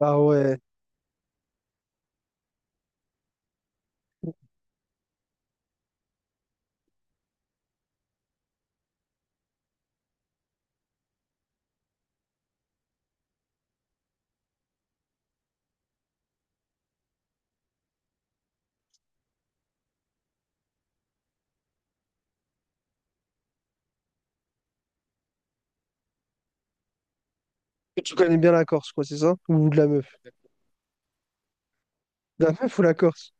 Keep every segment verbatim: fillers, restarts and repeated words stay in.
Ah ouais. Et tu connais bien la Corse, quoi, c'est ça? Ou de la meuf? De la meuf ou la Corse?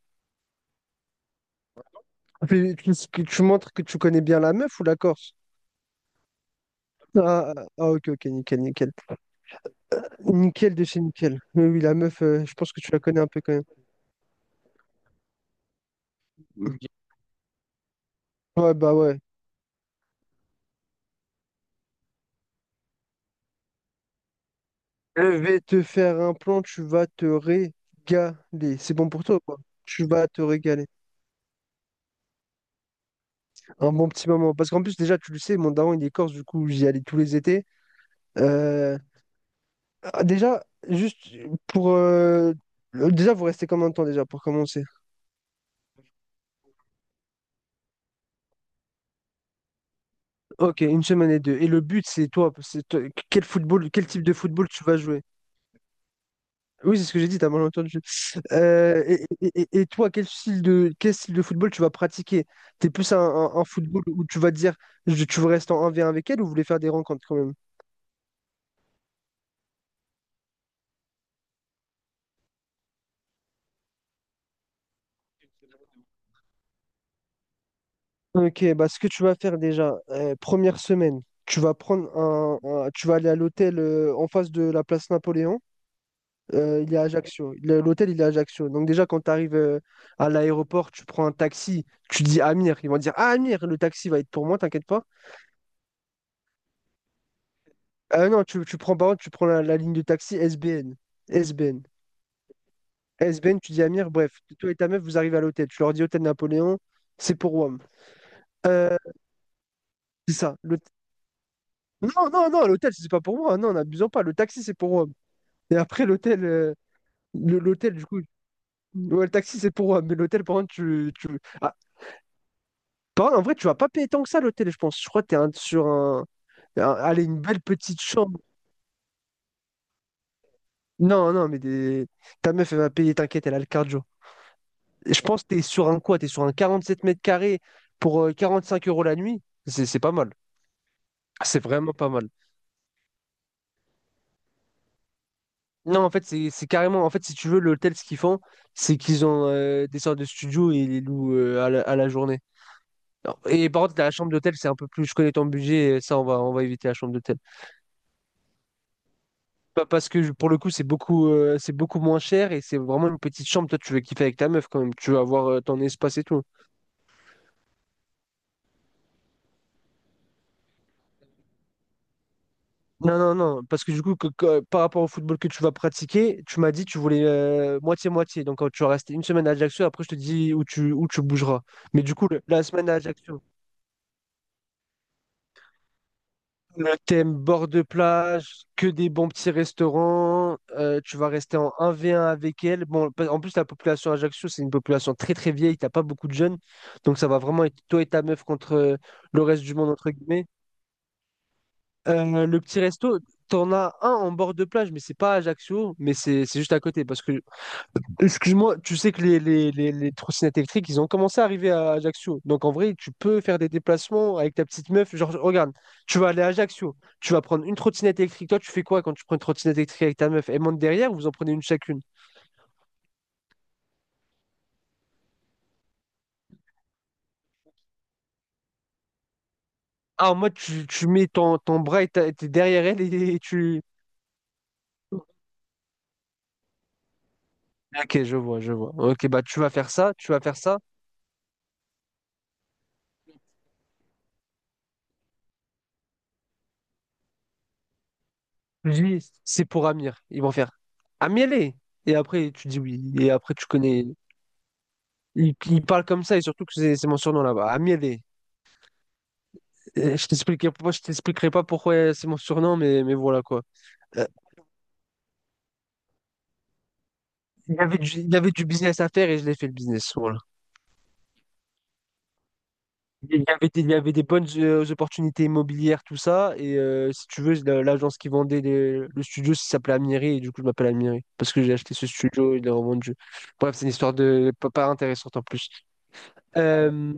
Tu, tu- tu- tu montres que tu connais bien la meuf ou la Corse? Ah, ah, ah, ok, ok, nickel, nickel. Nickel de chez nickel. Mais oui, la meuf, euh, je pense que tu la connais un peu quand même. Ouais, bah ouais. Je vais te faire un plan, tu vas te régaler. C'est bon pour toi, quoi. Tu vas te régaler. Un bon petit moment. Parce qu'en plus, déjà, tu le sais, mon daron, il est corse, du coup, j'y allais tous les étés. Euh, ah, Déjà, juste pour... euh, Déjà, vous restez combien de temps déjà pour commencer? Ok, une semaine et deux. Et le but, c'est toi, c'est toi- quel football, quel type de football tu vas jouer? Oui, c'est ce que j'ai dit, t'as mal entendu. Euh, et, et- et- et toi, quel style de, quel style de football tu vas pratiquer? T'es plus un, un- un football où tu vas te dire, je- tu veux rester en un contre un avec elle ou vous voulez faire des rencontres quand même? Ok, bah ce que tu vas faire déjà, euh, première semaine, tu vas prendre un, un- tu vas aller à l'hôtel euh, en face de la place Napoléon. Euh, il est à Ajaccio. Le- L'hôtel, il est à Ajaccio. Donc déjà, quand tu arrives à l'aéroport, tu prends un taxi, tu dis Amir. Ils vont dire, ah, Amir, le taxi va être pour moi, t'inquiète pas. Ah non, tu, tu prends, par contre, tu prends la, la ligne de taxi S B N. S B N. S B N, tu dis Amir, bref, toi et ta meuf, vous arrivez à l'hôtel. Tu leur dis Hôtel Napoléon, c'est pour Rome. Euh, c'est ça. Le- Non, non, non, l'hôtel, c'est pas pour moi. Non, n'abusons pas. Le taxi, c'est pour Rome. Et après, l'hôtel, euh, le- l'hôtel, du coup, ouais, le taxi, c'est pour Rome. Mais l'hôtel, par contre, tu, tu... Ah, Par- en vrai, tu vas pas payer tant que ça l'hôtel, je pense. Je crois que t'es un- sur un, un- Allez, une belle petite chambre. Non, non, mais des- ta meuf, elle va payer, t'inquiète, elle a le cardio. Et je pense que t'es sur un quoi? T'es sur un quarante-sept mètres carrés pour euh, quarante-cinq euros la nuit. C'est c'est pas mal. C'est vraiment pas mal. Non, en fait, c'est c'est carrément. En fait, si tu veux, l'hôtel, ce qu'ils font, c'est qu'ils ont euh, des sortes de studios et ils les louent euh, à la, à la journée. Et par contre, la chambre d'hôtel, c'est un peu plus. Je connais ton budget, ça, on va, on va éviter la chambre d'hôtel. Pas- Parce que pour le coup, c'est beaucoup, euh, c'est beaucoup moins cher et c'est vraiment une petite chambre. Toi, tu veux kiffer avec ta meuf quand même. Tu veux avoir euh, ton espace et tout. Non, non, non. Parce que du coup, que- que- par rapport au football que tu vas pratiquer, tu m'as dit tu voulais euh, moitié-moitié. Donc, euh, tu vas rester une semaine à Ajaccio. Après, je te dis où tu, où tu bougeras. Mais du coup, le- la semaine à Ajaccio. Le thème bord de plage, que des bons petits restaurants, euh, tu vas rester en un v un avec elle. Bon, pa- en plus, la population Ajaccio, c'est une population très très vieille, t'as pas beaucoup de jeunes. Donc ça va vraiment être toi et ta meuf contre euh, le reste du monde, entre guillemets. Euh, le petit resto, t'en as un en bord de plage, mais c'est pas à Ajaccio, mais c'est c'est juste à côté. Parce que Excuse-moi, tu sais que les, les, les, les trottinettes électriques, ils ont commencé à arriver à Ajaccio. Donc en vrai, tu peux faire des déplacements avec ta petite meuf. Genre, regarde, tu vas aller à Ajaccio, tu vas prendre une trottinette électrique. Toi, tu fais quoi quand tu prends une trottinette électrique avec ta meuf? Elle monte derrière ou vous en prenez une chacune? Ah, en mode, tu, tu mets ton, ton bras et ta- t'es derrière elle et, et tu. Ok, je vois, je vois. Ok, bah tu vas faire ça, tu vas faire ça. Lui, c'est pour Amir. Ils vont faire Amielé. Et après, tu dis oui. Et après, tu connais. Ils, ils parlent comme ça et surtout que c'est c'est mon surnom là-bas. Amielé. Euh, Je t'expliquerai pas, je t'expliquerai pas pourquoi euh, c'est mon surnom, mais, mais voilà quoi. Euh, il y avait du, il y avait du business à faire et je l'ai fait le business. Voilà. Il y avait des, il y avait des bonnes euh, opportunités immobilières, tout ça. Et euh, si tu veux, la- l'agence qui vendait les- le studio, ça s'appelait Amiri et du coup je m'appelle Amiri parce que j'ai acheté ce studio et il l'a revendu. Bref, c'est une histoire de pas, pas intéressante en plus. Euh,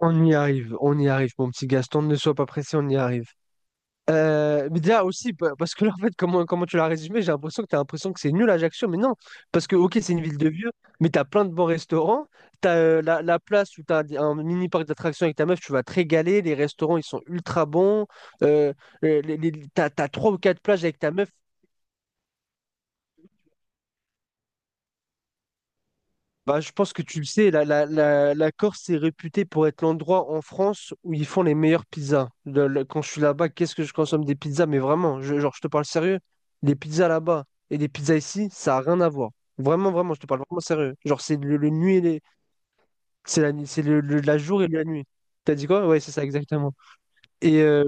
on y arrive, on y arrive, mon petit Gaston, ne sois pas pressé, on y arrive. Euh, mais déjà aussi, pa- parce que là, en fait, comment, comment tu l'as résumé, j'ai l'impression que tu as l'impression que c'est nul Ajaccio, mais non, parce que, ok, c'est une ville de vieux, mais tu as plein de bons restaurants, tu as la, la place où tu as un mini parc d'attractions avec ta meuf, tu vas te régaler, les restaurants, ils sont ultra bons, euh, euh, les, tu as, trois ou quatre plages avec ta meuf. Bah, je pense que tu le sais, la, la, la, la Corse est réputée pour être l'endroit en France où ils font les meilleures pizzas. Le- le- quand je suis là-bas, qu'est-ce que je consomme des pizzas? Mais vraiment, je, genre, je te parle sérieux. Les pizzas là-bas et les pizzas ici, ça a rien à voir. Vraiment, vraiment, je te parle vraiment sérieux. Genre, c'est le, le nuit et les... C'est la nuit, c'est le, le- la jour et la nuit. T'as dit quoi? Ouais, c'est ça, exactement. Et euh,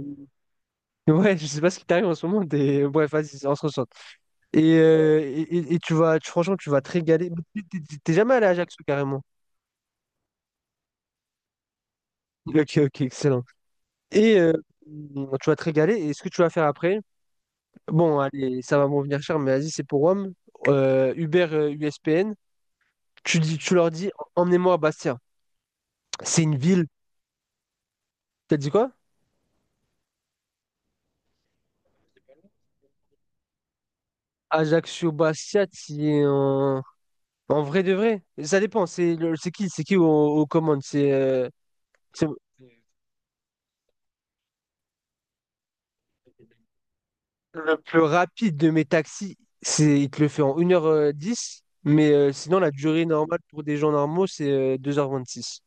ouais, je sais pas ce qui t'arrive en ce moment. t'es- Bref, vas-y, on se ressent. Et, euh, et, et- et tu vas, tu- franchement, tu vas te régaler. Mais T'es t'es- t'es jamais allé à Ajaccio, carrément. Ok, ok, excellent. Et euh, Tu vas te régaler. Et ce que tu vas faire après, bon, allez, ça va m'en venir cher, mais vas-y, c'est pour Rome. Euh, Uber euh, U S P N, tu dis, tu leur dis, emmenez-moi à Bastia. C'est une ville. T'as dit quoi? Ajaccio, Bastia, t'y es en... en vrai de vrai. Ça dépend. C'est le- c'est qui, c'est qui aux, aux commandes? C'est euh, c'est le plus rapide de mes taxis. C'est, il te le fait en une heure euh, dix. Mais euh, sinon, la durée normale pour des gens normaux, c'est euh, deux heures vingt-six.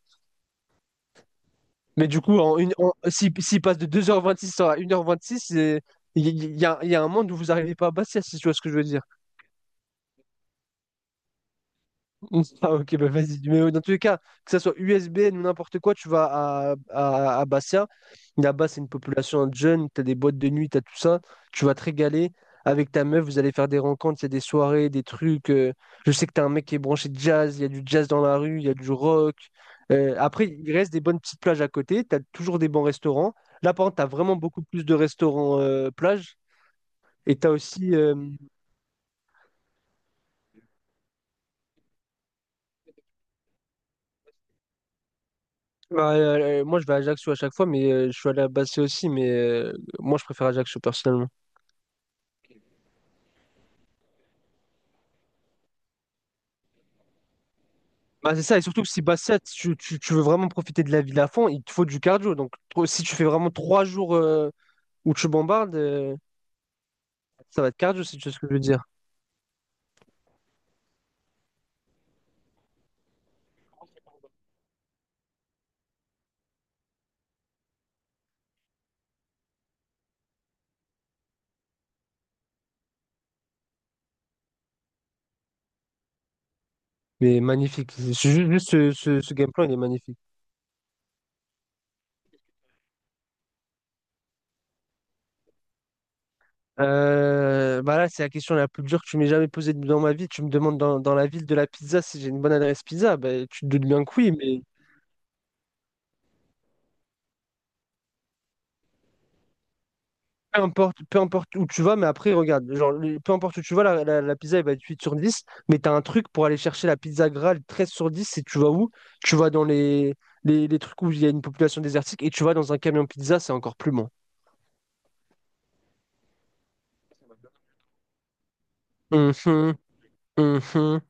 Mais du coup, en une, en- si- s'il passe de deux heures vingt-six à une heure vingt-six, c'est- il y, il y a, il y a un monde où vous n'arrivez pas à Bastia, si tu vois ce que je veux dire. Ah, ok, bah vas-y. Mais euh, dans tous les cas, que ça soit U S B N ou n'importe quoi, tu vas à, à, à Bastia. Là-bas, c'est une population de jeunes, t'as des boîtes de nuit, t'as tout ça. Tu vas te régaler avec ta meuf, vous allez faire des rencontres, il y a des soirées, des trucs. euh, Je sais que t'as un mec qui est branché jazz, il y a du jazz dans la rue, il y a du rock. Euh, après, il reste des bonnes petites plages à côté, t'as toujours des bons restaurants. Là, par contre, t'as vraiment beaucoup plus de restaurants euh, plages. Et t'as aussi, euh, Bah, euh, euh, moi, je vais à Ajaccio à chaque fois, mais euh, je suis allé à Bastia aussi, mais euh, moi, je préfère Ajaccio personnellement. Bah, c'est ça, et surtout que si Bastia, tu, tu, tu veux vraiment profiter de la ville à fond, il te faut du cardio. Donc, tro- si tu fais vraiment trois jours euh, où tu bombardes, euh, ça va être cardio, si tu sais ce que je veux dire. Mais magnifique. C'est ju- Juste, ce, ce, ce game plan, il est magnifique. Euh, bah là, c'est la question la plus dure que tu m'aies jamais posée dans ma vie. Tu me demandes dans, dans la ville de la pizza si j'ai une bonne adresse pizza. Bah, tu te doutes bien que oui. Peu importe, peu importe où tu vas, mais après, regarde, genre, les- peu importe où tu vas, la, la- la pizza, elle va être huit sur dix, mais tu as un truc pour aller chercher la pizza Graal treize sur dix, et tu vas où? Tu vas dans les, les, les trucs où il y a une population désertique, et tu vas dans un camion pizza, c'est encore plus bon. Mhm, mhm.